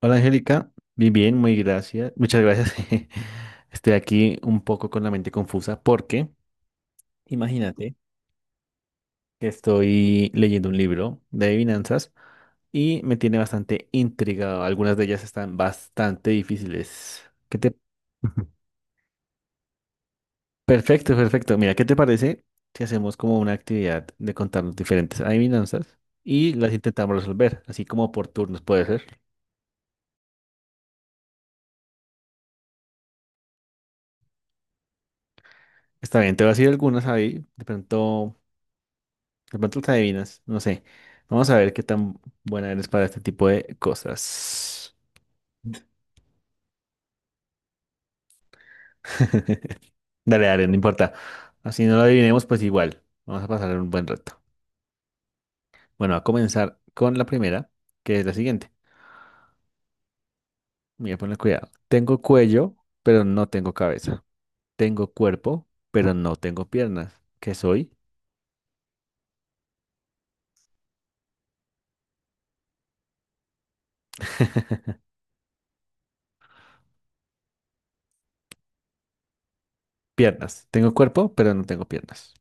Hola Angélica, bien, bien, muy gracias, muchas gracias. Estoy aquí un poco con la mente confusa porque imagínate que estoy leyendo un libro de adivinanzas y me tiene bastante intrigado. Algunas de ellas están bastante difíciles. ¿Qué te... Ujú. Perfecto, perfecto. Mira, ¿qué te parece si hacemos como una actividad de contarnos diferentes adivinanzas y las intentamos resolver, así como por turnos puede ser? Está bien, te voy a decir algunas ahí, de pronto. De pronto te adivinas, no sé. Vamos a ver qué tan buena eres para este tipo de cosas. Dale, dale, no importa. Así no lo adivinemos, pues igual. Vamos a pasar un buen rato. Bueno, a comenzar con la primera, que es la siguiente. Mira, ponle cuidado. Tengo cuello, pero no tengo cabeza. Tengo cuerpo, pero no tengo piernas. ¿Qué soy? Piernas. Tengo cuerpo, pero no tengo piernas.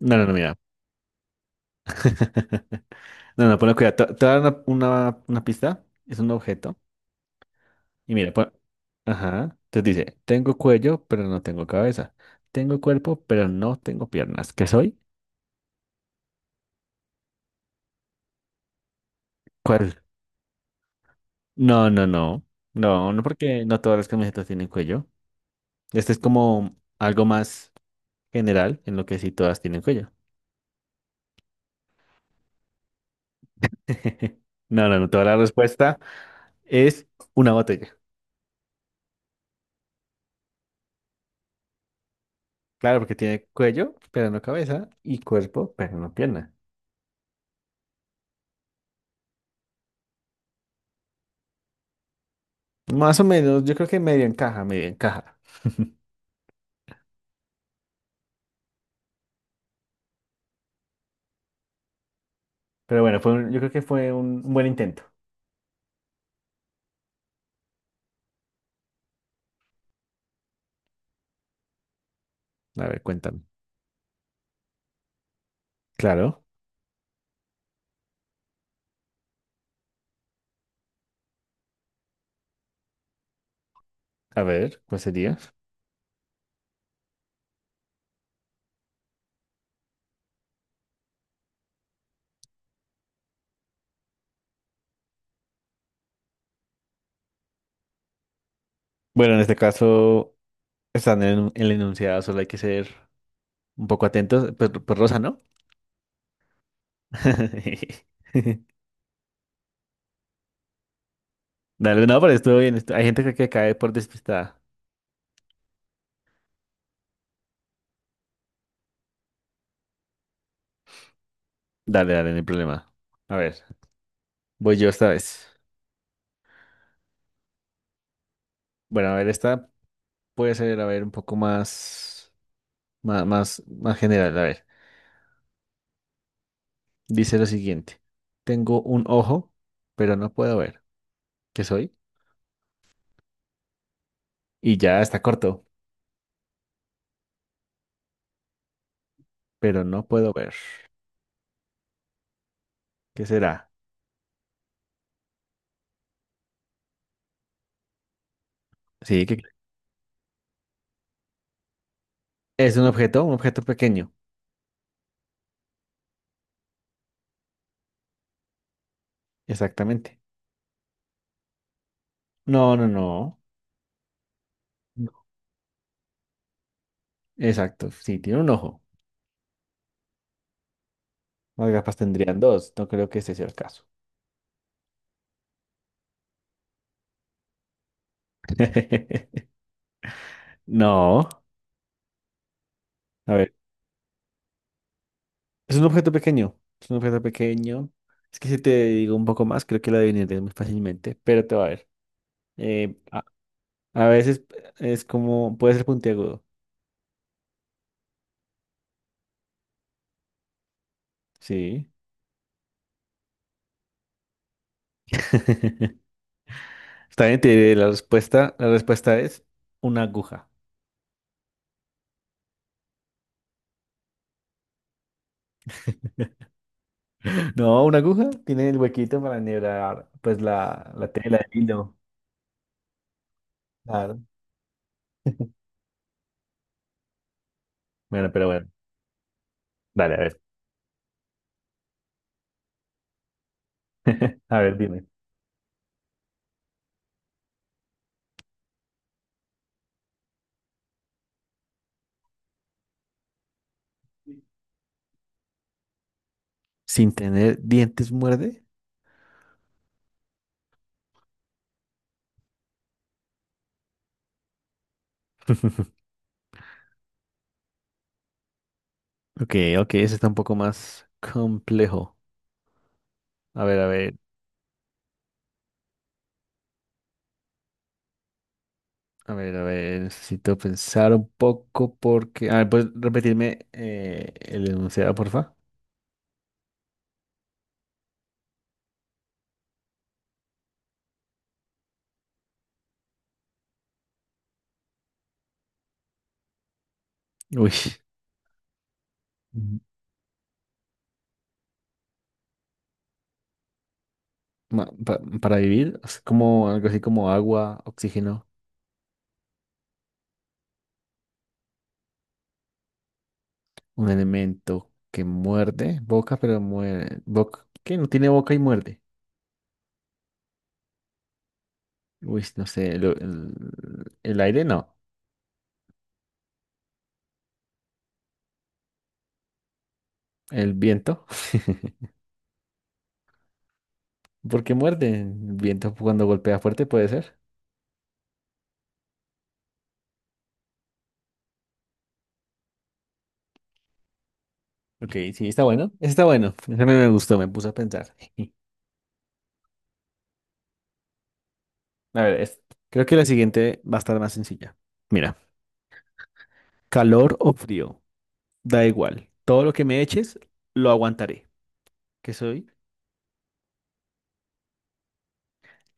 No, no, no, mira. No, no, ponle cuidado. Te voy a dar una, una pista. Es un objeto. Y mira, pues, ajá, entonces dice, tengo cuello, pero no tengo cabeza. Tengo cuerpo, pero no tengo piernas. ¿Qué soy? ¿Cuál? No, no, no. No, no porque no todas las camisetas tienen cuello. Este es como algo más general en lo que sí todas tienen cuello. No, no, no. Toda la respuesta es una botella. Claro, porque tiene cuello, pero no cabeza, y cuerpo, pero no pierna. Más o menos, yo creo que medio encaja, medio encaja. Pero bueno, yo creo que fue un buen intento. A ver, cuéntame. Claro, a ver, ¿cuál sería? Bueno, en este caso, están en el enunciado, solo hay que ser un poco atentos. Pues, pues Rosa, ¿no? Dale, no, pero estuvo bien. Hay gente que cae por despistada. Dale, dale, no hay problema. A ver, voy yo esta vez. Bueno, a ver, esta puede ser, a ver, un poco más, más, más, más general. A ver, dice lo siguiente. Tengo un ojo, pero no puedo ver. ¿Qué soy? Y ya está corto, pero no puedo ver. ¿Qué será? Sí, que es un objeto pequeño. Exactamente. No, no, no. No. Exacto. Sí, tiene un ojo. Las gafas tendrían dos. No creo que ese sea el caso. No. A ver. Es un objeto pequeño. Es un objeto pequeño. Es que si te digo un poco más, creo que lo adivinarías muy fácilmente. Pero te va a ver. Eh, a, a veces es como. Puede ser puntiagudo. Sí. Está bien, te diré la respuesta. La respuesta es una aguja. No, una aguja tiene el huequito para enhebrar, pues la tela, el hilo. Claro. Bueno, pero bueno, dale, a ver. A ver, dime. Sin tener dientes muerde. Ok, ok, ese está un poco más complejo. A ver, a ver, a ver, a ver, necesito pensar un poco porque... A ver, ¿puedes repetirme el enunciado, porfa? Uy, mm, para vivir, es como algo así como agua, oxígeno. Un elemento que muerde, boca, pero muerde, boca, que no tiene boca y muerde. Uy, no sé, el aire no, el viento. ¿Porque muerde? El viento cuando golpea fuerte puede ser. Ok, sí, está bueno. Está bueno. Ese me gustó, me puse a pensar. A ver, es- creo que la siguiente va a estar más sencilla. Mira, calor o frío, da igual. Todo lo que me eches, lo aguantaré. ¿Qué soy?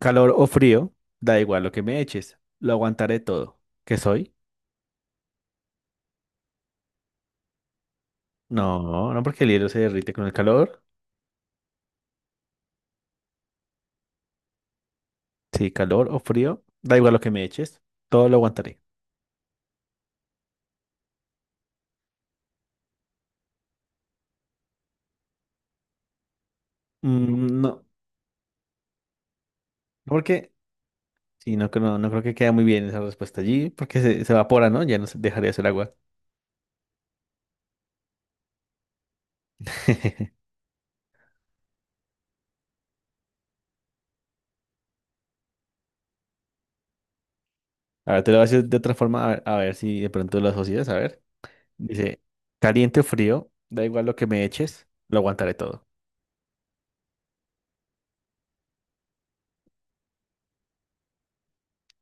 Calor o frío, da igual lo que me eches, lo aguantaré todo. ¿Qué soy? No, no porque el hielo se derrite con el calor. Sí, calor o frío. Da igual lo que me eches. Todo lo aguantaré. Mm, no, no porque... Sí, no, creo que quede muy bien esa respuesta allí. Porque se evapora, ¿no? Ya no se- dejaría de ser agua. A ver, te lo voy a decir de otra forma. A ver si de pronto lo asocias. A ver. Dice, caliente o frío. Da igual lo que me eches. Lo aguantaré todo.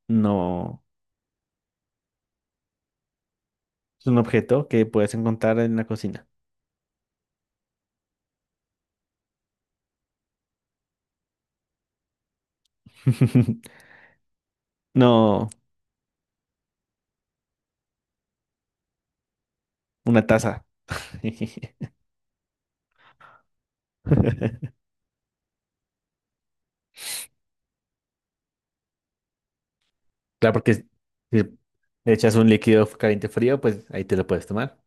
No. Es un objeto que puedes encontrar en la cocina. No, una taza. Claro, porque si si le echas un líquido caliente frío, pues ahí te lo puedes tomar.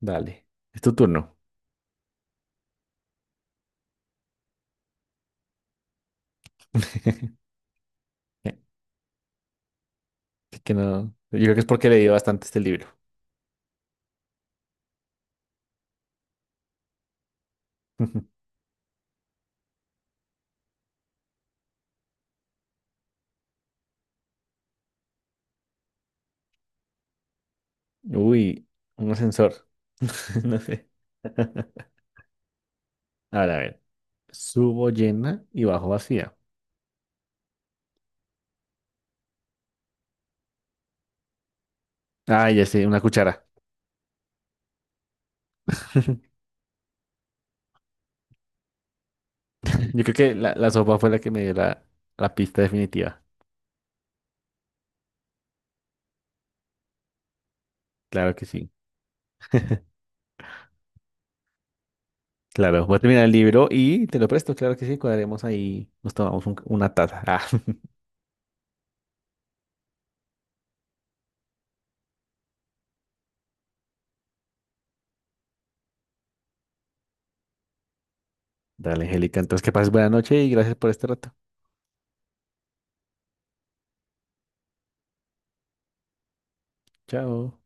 Dale, es tu turno. Así que no. Yo creo que es porque leí bastante este libro. Uy, un ascensor. No sé. Ahora, a ver. Subo llena y bajo vacía. Ah, ya sé, una cuchara. Yo creo que la sopa fue la que me dio la, la pista definitiva. Claro que sí. Claro, voy a terminar el libro y te lo presto. Claro que sí, cuadremos ahí. Nos tomamos un- una taza. Ah. Dale, Angélica. Entonces, que pases buena noche y gracias por este rato. Chao.